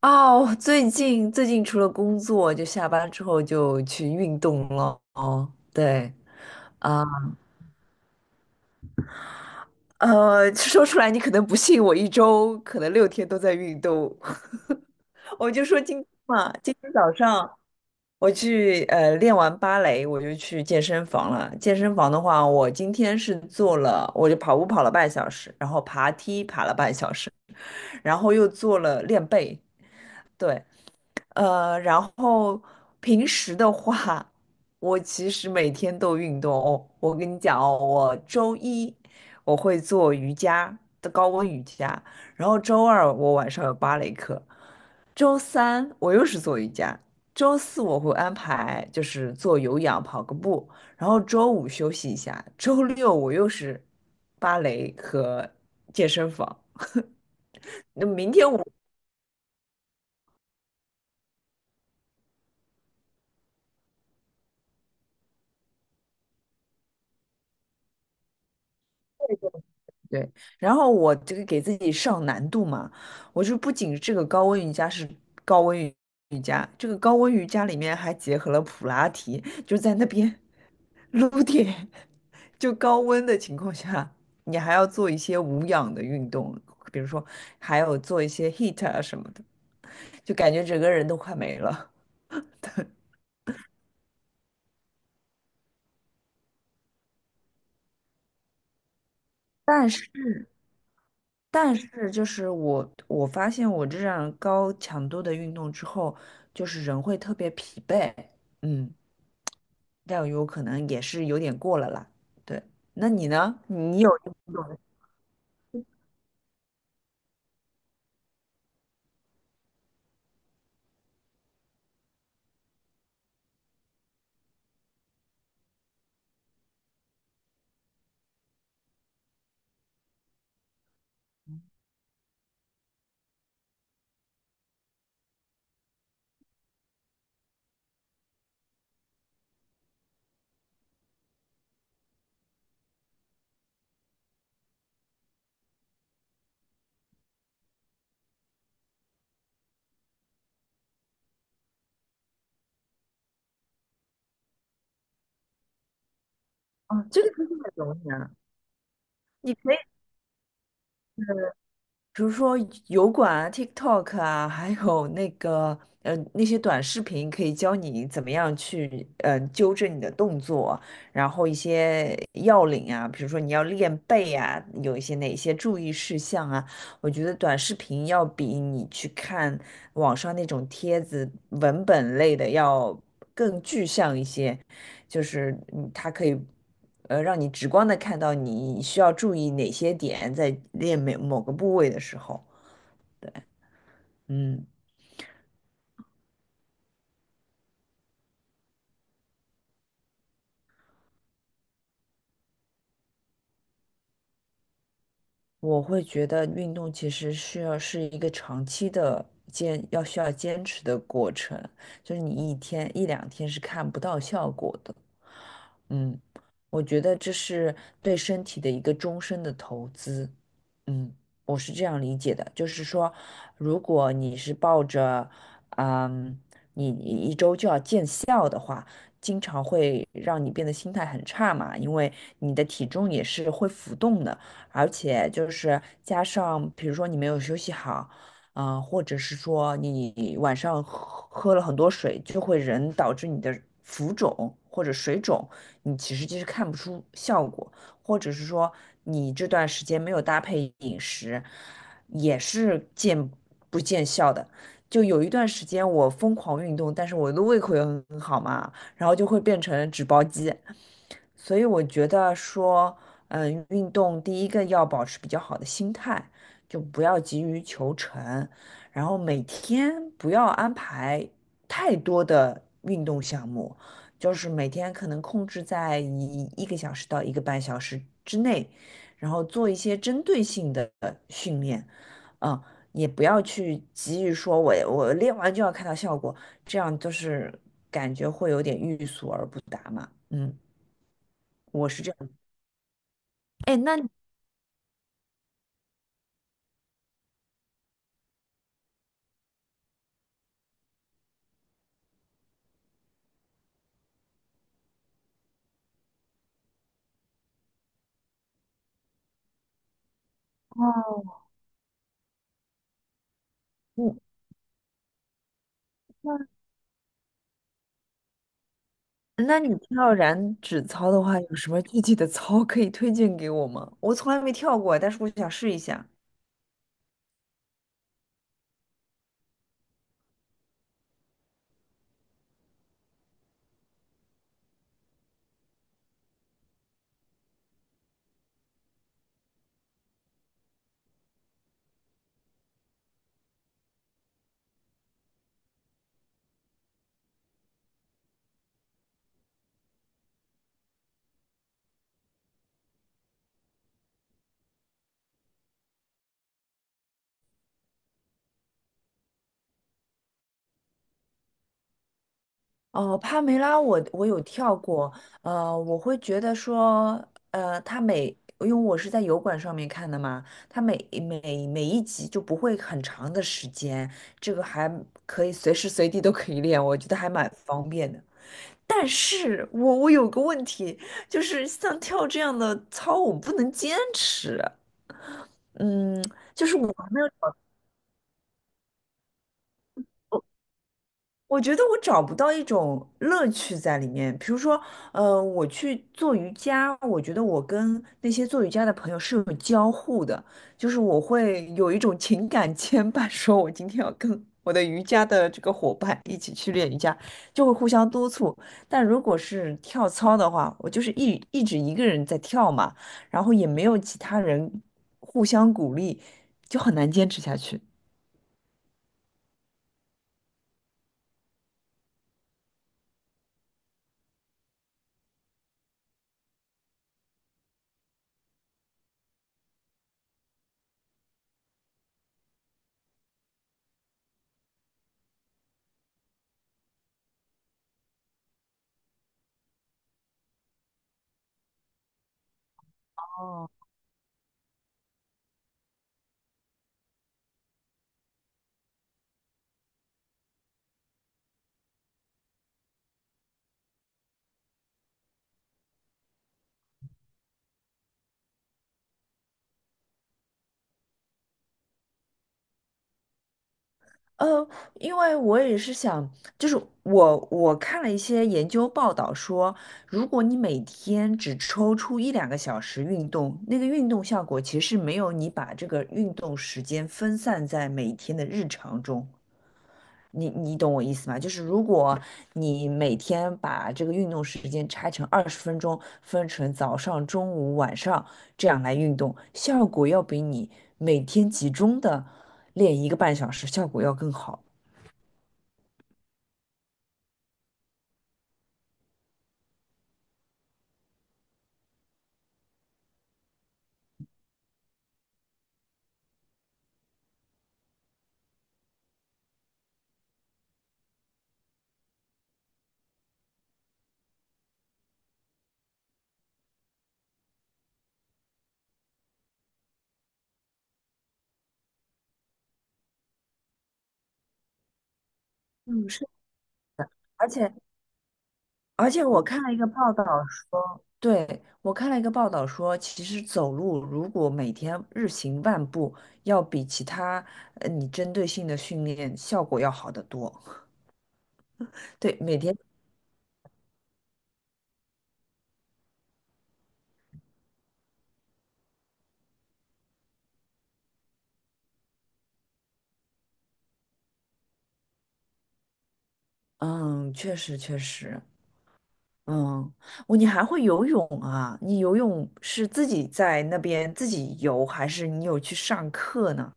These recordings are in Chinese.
哦，最近除了工作，就下班之后就去运动了。哦，对啊，说出来你可能不信，我一周可能6天都在运动。我就说今天嘛，今天早上我去练完芭蕾，我就去健身房了。健身房的话，我今天是做了，我就跑步跑了半小时，然后爬梯爬了半小时，然后又做了练背。对，然后平时的话，我其实每天都运动哦。我跟你讲哦，我周一我会做瑜伽的高温瑜伽，然后周二我晚上有芭蕾课，周三我又是做瑜伽，周四我会安排就是做有氧跑个步，然后周五休息一下，周六我又是芭蕾和健身房。那明天我对，然后我这个给自己上难度嘛，我就不仅这个高温瑜伽是高温瑜伽，这个高温瑜伽里面还结合了普拉提，就在那边撸铁，就高温的情况下，你还要做一些无氧的运动，比如说还有做一些 HIIT 啊什么的，就感觉整个人都快没了。但是但是就是我发现我这样高强度的运动之后，就是人会特别疲惫，嗯，但有可能也是有点过了啦。对，那你呢？你有啊，这个其实很容易啊，比如说油管啊、TikTok 啊，还有那个那些短视频，可以教你怎么样去纠正你的动作，然后一些要领啊，比如说你要练背啊，有一些哪些注意事项啊，我觉得短视频要比你去看网上那种帖子文本类的要更具象一些。就是它可以让你直观的看到你需要注意哪些点在练每某个部位的时候，嗯，我会觉得运动其实需要是一个长期的需要坚持的过程，就是你一天一两天是看不到效果的。嗯，我觉得这是对身体的一个终身的投资。嗯，我是这样理解的，就是说，如果你是抱着，嗯，你一周就要见效的话，经常会让你变得心态很差嘛，因为你的体重也是会浮动的。而且就是加上，比如说你没有休息好，或者是说你晚上喝了很多水，就会人导致你的浮肿或者水肿，你其实就是看不出效果，或者是说你这段时间没有搭配饮食，也是不见效的。就有一段时间我疯狂运动，但是我的胃口也很好嘛，然后就会变成纸包鸡，所以我觉得说，运动第一个要保持比较好的心态，就不要急于求成，然后每天不要安排太多的运动项目，就是每天可能控制在一个小时到一个半小时之内，然后做一些针对性的训练，嗯、也不要去急于说我练完就要看到效果，这样就是感觉会有点欲速而不达嘛，嗯。我是。这哎，那你哦，嗯，那那你跳燃脂操的话，有什么具体的操可以推荐给我吗？我从来没跳过，但是我想试一下。哦，帕梅拉我有跳过，我会觉得说，呃，它每，因为我是在油管上面看的嘛，它每一集就不会很长的时间，这个还可以随时随地都可以练，我觉得还蛮方便的。但是我有个问题，就是像跳这样的操，我不能坚持。嗯，就是我还没有我觉得我找不到一种乐趣在里面。比如说，我去做瑜伽，我觉得我跟那些做瑜伽的朋友是有交互的，就是我会有一种情感牵绊，说我今天要跟我的瑜伽的这个伙伴一起去练瑜伽，就会互相督促。但如果是跳操的话，我就是一直一个人在跳嘛，然后也没有其他人互相鼓励，就很难坚持下去。呃，因为我也是想，就是我看了一些研究报道说，如果你每天只抽出一两个小时运动，那个运动效果其实没有你把这个运动时间分散在每天的日常中。你懂我意思吗？就是如果你每天把这个运动时间拆成20分钟，分成早上、中午、晚上这样来运动，效果要比你每天集中的练一个半小时效果要更好。嗯，是，而且而且我看了一个报道说，对，我看了一个报道说，其实走路如果每天日行万步，要比其他你针对性的训练效果要好得多。对，每天，嗯，确实确实，嗯，你还会游泳啊？你游泳是自己在那边自己游，还是你有去上课呢？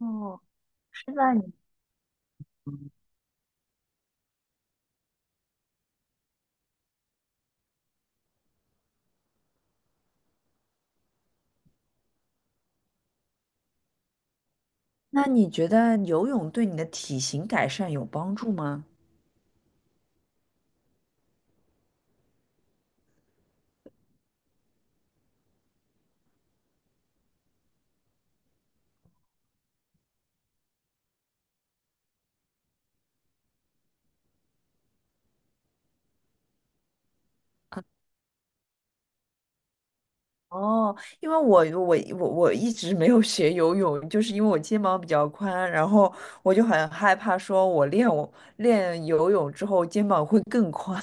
哦，是在你那你觉得游泳对你的体型改善有帮助吗？哦，因为我一直没有学游泳，就是因为我肩膀比较宽，然后我就很害怕，说我练游泳之后肩膀会更宽，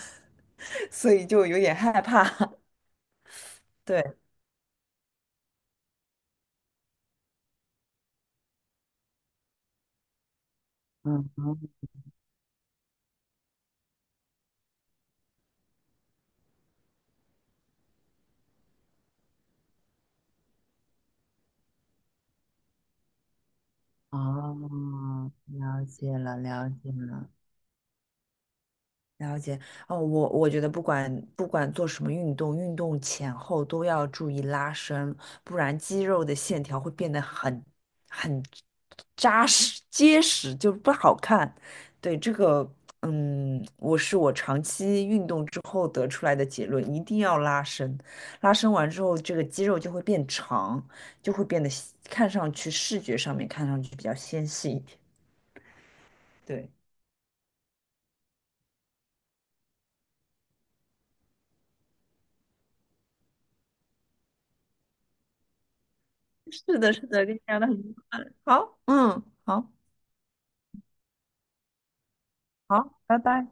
所以就有点害怕。对，嗯，哦，了解了，了解了。了解哦，我觉得不管做什么运动，运动前后都要注意拉伸，不然肌肉的线条会变得很扎实结实，就不好看。对这个，嗯，我是我长期运动之后得出来的结论，一定要拉伸。拉伸完之后，这个肌肉就会变长，就会变得看上去视觉上面看上去比较纤细一点。对，是的，是的，跟你聊的很好，嗯，好。好，拜拜。